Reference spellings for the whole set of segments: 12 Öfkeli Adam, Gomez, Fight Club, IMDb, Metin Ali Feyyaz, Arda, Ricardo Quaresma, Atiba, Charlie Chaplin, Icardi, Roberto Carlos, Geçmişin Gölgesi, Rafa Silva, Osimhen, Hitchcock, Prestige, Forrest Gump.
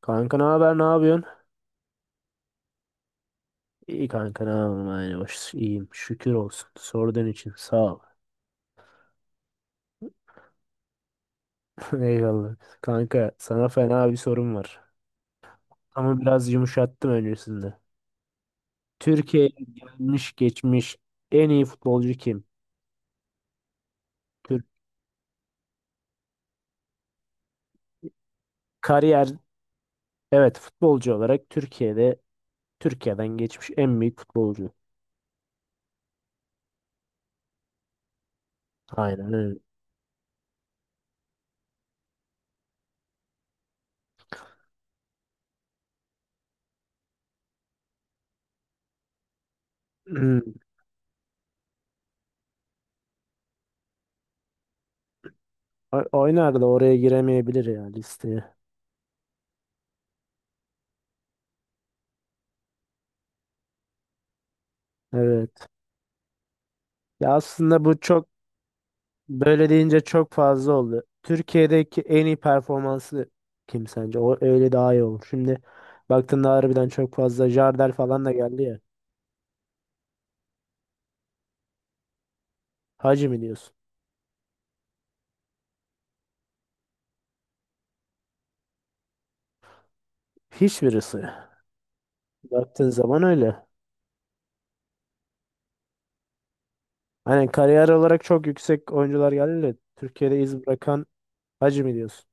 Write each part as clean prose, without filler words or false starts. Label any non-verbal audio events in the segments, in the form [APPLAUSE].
Kanka ne haber ne yapıyorsun? İyi kanka ne yapayım aynı baş iyiyim şükür olsun sorduğun için sağ ol. [LAUGHS] Eyvallah. Kanka sana fena bir sorum var. Ama biraz yumuşattım öncesinde. Türkiye'ye gelmiş geçmiş en iyi futbolcu kim? Türk kariyer, evet, futbolcu olarak Türkiye'de, Türkiye'den geçmiş en büyük futbolcu. Aynen öyle. [CLEARS THROAT] Oynar da oraya giremeyebilir ya listeye. Evet. Ya aslında bu çok, böyle deyince çok fazla oldu. Türkiye'deki en iyi performansı kim sence? O öyle daha iyi olur. Şimdi baktığında harbiden çok fazla Jardel falan da geldi ya. Hacı mi diyorsun? Hiçbirisi. Baktığın zaman öyle. Hani kariyer olarak çok yüksek oyuncular geldi de Türkiye'de iz bırakan. Hacı mi diyorsun?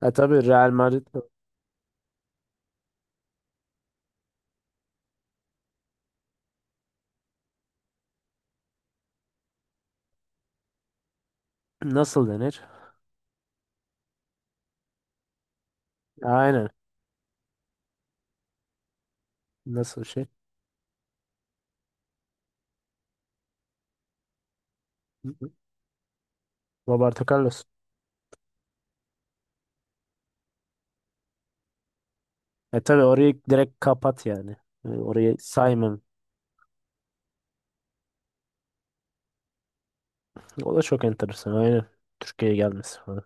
Ha tabii Real Madrid, nasıl denir? Aynen. Nasıl şey? Hı hı. Roberto Carlos. E tabii orayı direkt kapat yani. Yani orayı saymam. O da çok enteresan. Aynen. Türkiye'ye gelmesi falan.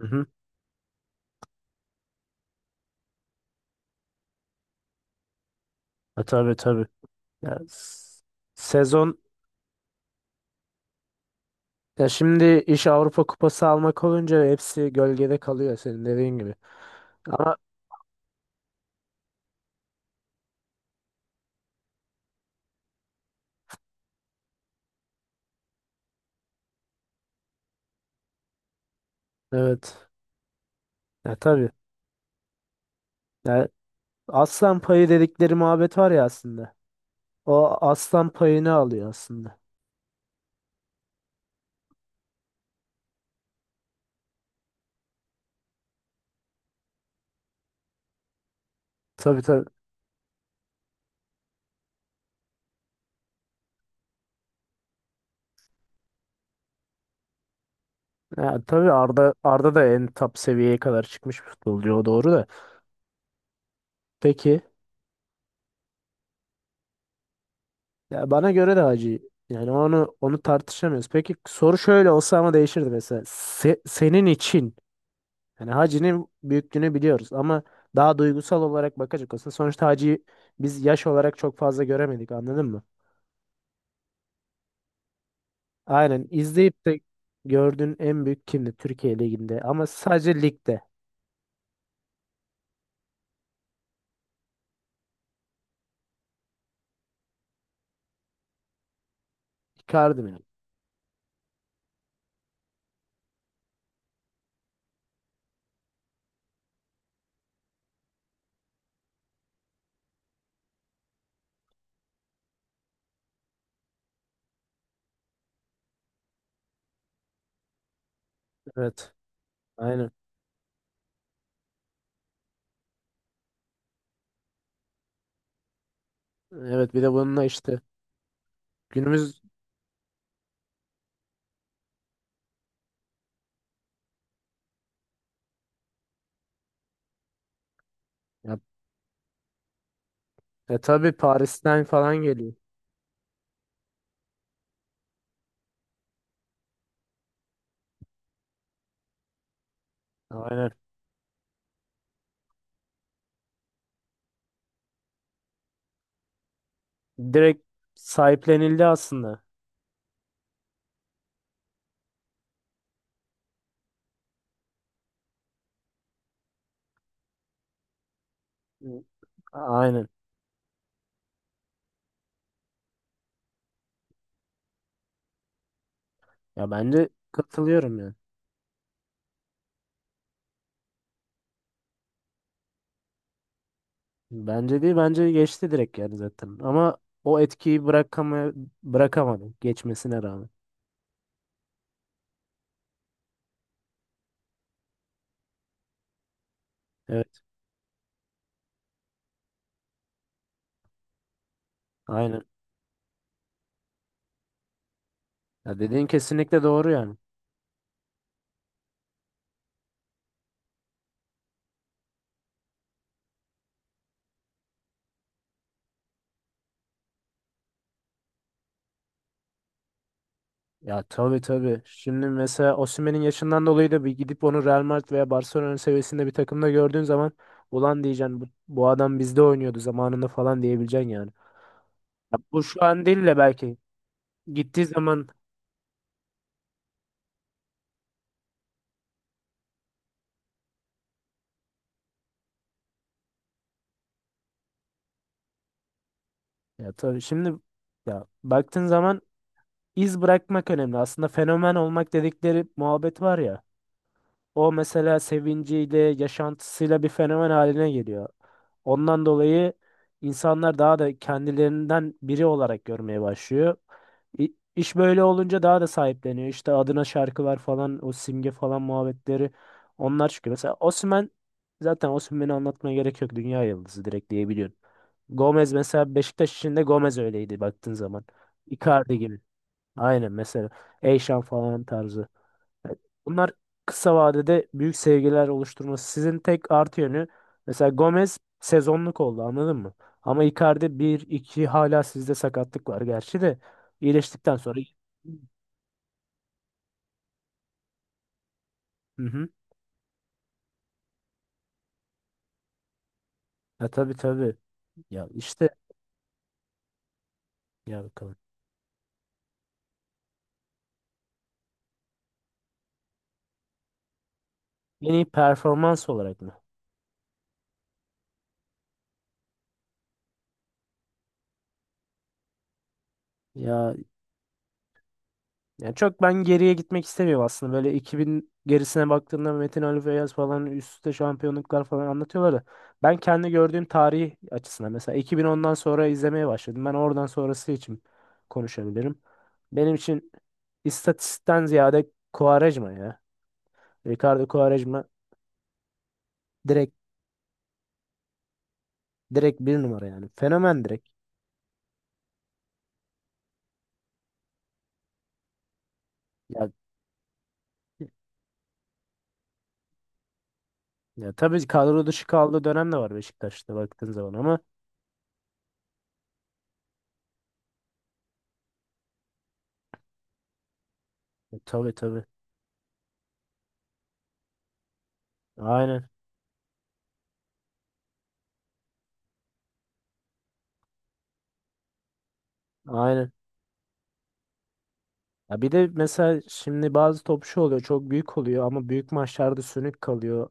Hı hı. E, tabii tabii. Ya, s- sezon ya şimdi iş Avrupa Kupası almak olunca hepsi gölgede kalıyor senin dediğin gibi. Ama evet. Ya tabii. Ya, aslan payı dedikleri muhabbet var ya aslında. O aslan payını alıyor aslında. Tabii tabii. Ya, tabii Arda da en top seviyeye kadar çıkmış bir futbolcu, o doğru da. Peki, ya bana göre de hacı. Yani onu tartışamıyoruz. Peki soru şöyle olsa ama değişirdi mesela. Senin için yani hacinin büyüklüğünü biliyoruz ama daha duygusal olarak bakacak olsa sonuçta hacıyı biz yaş olarak çok fazla göremedik anladın mı? Aynen, izleyip de gördüğün en büyük kimdi Türkiye Ligi'nde, ama sadece ligde. Icardi mi? Evet. Aynen. Evet, bir de bununla işte günümüz. Ya, e tabii Paris'ten falan geliyor. Aynen. Direkt sahiplenildi aslında. Hı. Aynen. Ya bence katılıyorum ya. Bence değil, bence geçti direkt yani zaten. Ama o etkiyi bırakamadı geçmesine rağmen. Evet, aynen. Ya dediğin kesinlikle doğru yani. Ya tabii tabii. Şimdi mesela Osimhen'in yaşından dolayı da bir gidip onu Real Madrid veya Barcelona seviyesinde bir takımda gördüğün zaman ulan diyeceksin, bu adam bizde oynuyordu zamanında falan diyebileceksin yani. Ya bu şu an değil de belki gittiği zaman. Ya tabii şimdi, ya baktığın zaman iz bırakmak önemli. Aslında fenomen olmak dedikleri muhabbet var ya. O mesela sevinciyle, yaşantısıyla bir fenomen haline geliyor. Ondan dolayı insanlar daha da kendilerinden biri olarak görmeye başlıyor. İş böyle olunca daha da sahipleniyor. İşte adına şarkılar falan, o simge falan muhabbetleri, onlar çıkıyor. Mesela Osimhen, zaten Osimhen'i anlatmaya gerek yok. Dünya yıldızı direkt diyebiliyorsun. Gomez mesela, Beşiktaş için de Gomez öyleydi baktığın zaman. Icardi gibi. Aynen, mesela Eyşan falan tarzı. Evet, bunlar kısa vadede büyük sevgiler oluşturması. Sizin tek artı yönü, mesela Gomez sezonluk oldu anladın mı? Ama Icardi bir iki, hala sizde sakatlık var gerçi de, iyileştikten sonra. Hı hı. Ya tabii tabii. Ya işte, ya bakalım. En iyi performans olarak mı? Ya, yani çok ben geriye gitmek istemiyorum aslında. Böyle 2000 gerisine baktığında Metin Ali Feyyaz falan üst üste şampiyonluklar falan anlatıyorlar da. Ben kendi gördüğüm tarih açısından mesela 2010'dan sonra izlemeye başladım. Ben oradan sonrası için konuşabilirim. Benim için istatistikten ziyade Quaresma ya. Ricardo Quaresma direkt, bir numara yani. Fenomen direkt. Ya, ya tabii kadro dışı kaldığı dönem de var Beşiktaş'ta baktığın zaman ama, e, tabii tabii. Aynen. Aynen. Ya bir de mesela şimdi bazı topçu oluyor, çok büyük oluyor ama büyük maçlarda sönük kalıyor.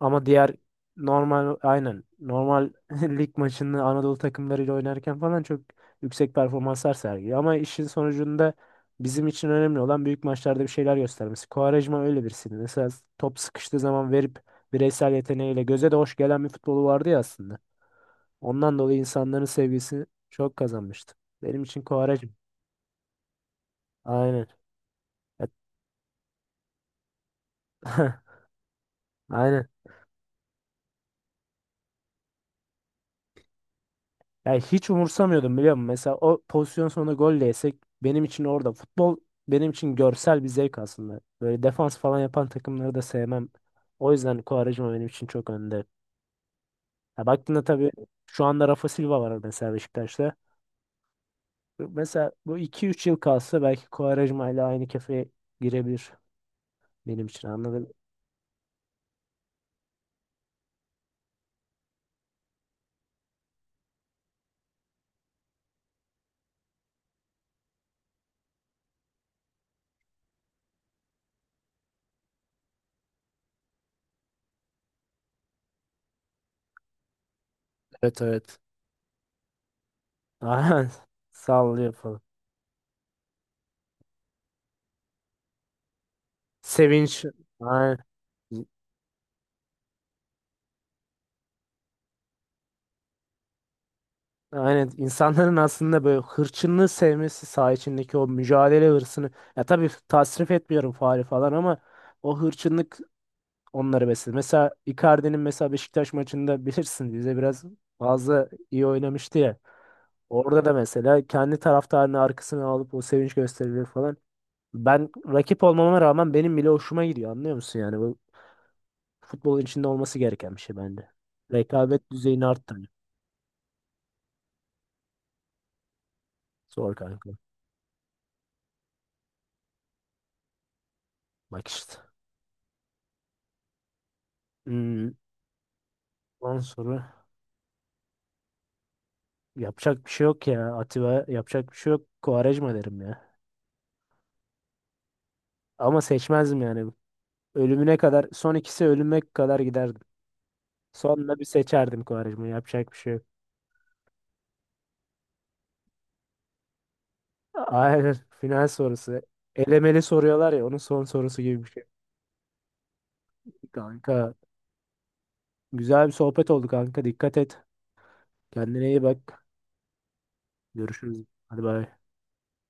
Ama diğer normal, aynen normal, [LAUGHS] lig maçını Anadolu takımlarıyla oynarken falan çok yüksek performanslar sergiliyor. Ama işin sonucunda bizim için önemli olan büyük maçlarda bir şeyler göstermesi. Quaresma öyle birisiydi. Mesela top sıkıştığı zaman verip bireysel yeteneğiyle göze de hoş gelen bir futbolu vardı ya aslında. Ondan dolayı insanların sevgisini çok kazanmıştı. Benim için Quaresma. Aynen. [LAUGHS] Aynen. Yani hiç umursamıyordum biliyor musun? Mesela o pozisyon sonunda gol de yesek, benim için orada futbol, benim için görsel bir zevk aslında. Böyle defans falan yapan takımları da sevmem. O yüzden Quaresma benim için çok önde. Ya baktığında tabii şu anda Rafa Silva var mesela Beşiktaş'ta. Mesela bu iki üç yıl kalsa belki Quaresma ile aynı kefeye girebilir benim için anladın mı? Evet evet. [LAUGHS] Aynen. Sallıyor falan. Sevinç. Aynen. Aynen, insanların aslında böyle hırçınlığı sevmesi, saha içindeki o mücadele hırsını, ya tabii tasrif etmiyorum faali falan, ama o hırçınlık onları besledi. Mesela Icardi'nin mesela Beşiktaş maçında, [LAUGHS] bilirsin, bize biraz fazla iyi oynamıştı ya. Orada da mesela kendi taraftarını arkasına alıp o sevinç gösterileri falan. Ben rakip olmama rağmen benim bile hoşuma gidiyor, anlıyor musun yani? Bu futbolun içinde olması gereken bir şey bence. Rekabet düzeyini arttırıyor. Zor kanka. Bak işte. Hmm, ondan sonra. Yapacak bir şey yok ya. Atiba, yapacak bir şey yok. Quaresma derim ya. Ama seçmezdim yani. Ölümüne kadar, son ikisi ölüme kadar giderdim. Sonunda bir seçerdim, Quaresma'yı. Yapacak bir şey yok. Aynen. [LAUGHS] Final sorusu. Elemeli soruyorlar ya, onun son sorusu gibi bir şey. Kanka, güzel bir sohbet oldu kanka. Dikkat et. Kendine iyi bak. Görüşürüz. Hadi bay.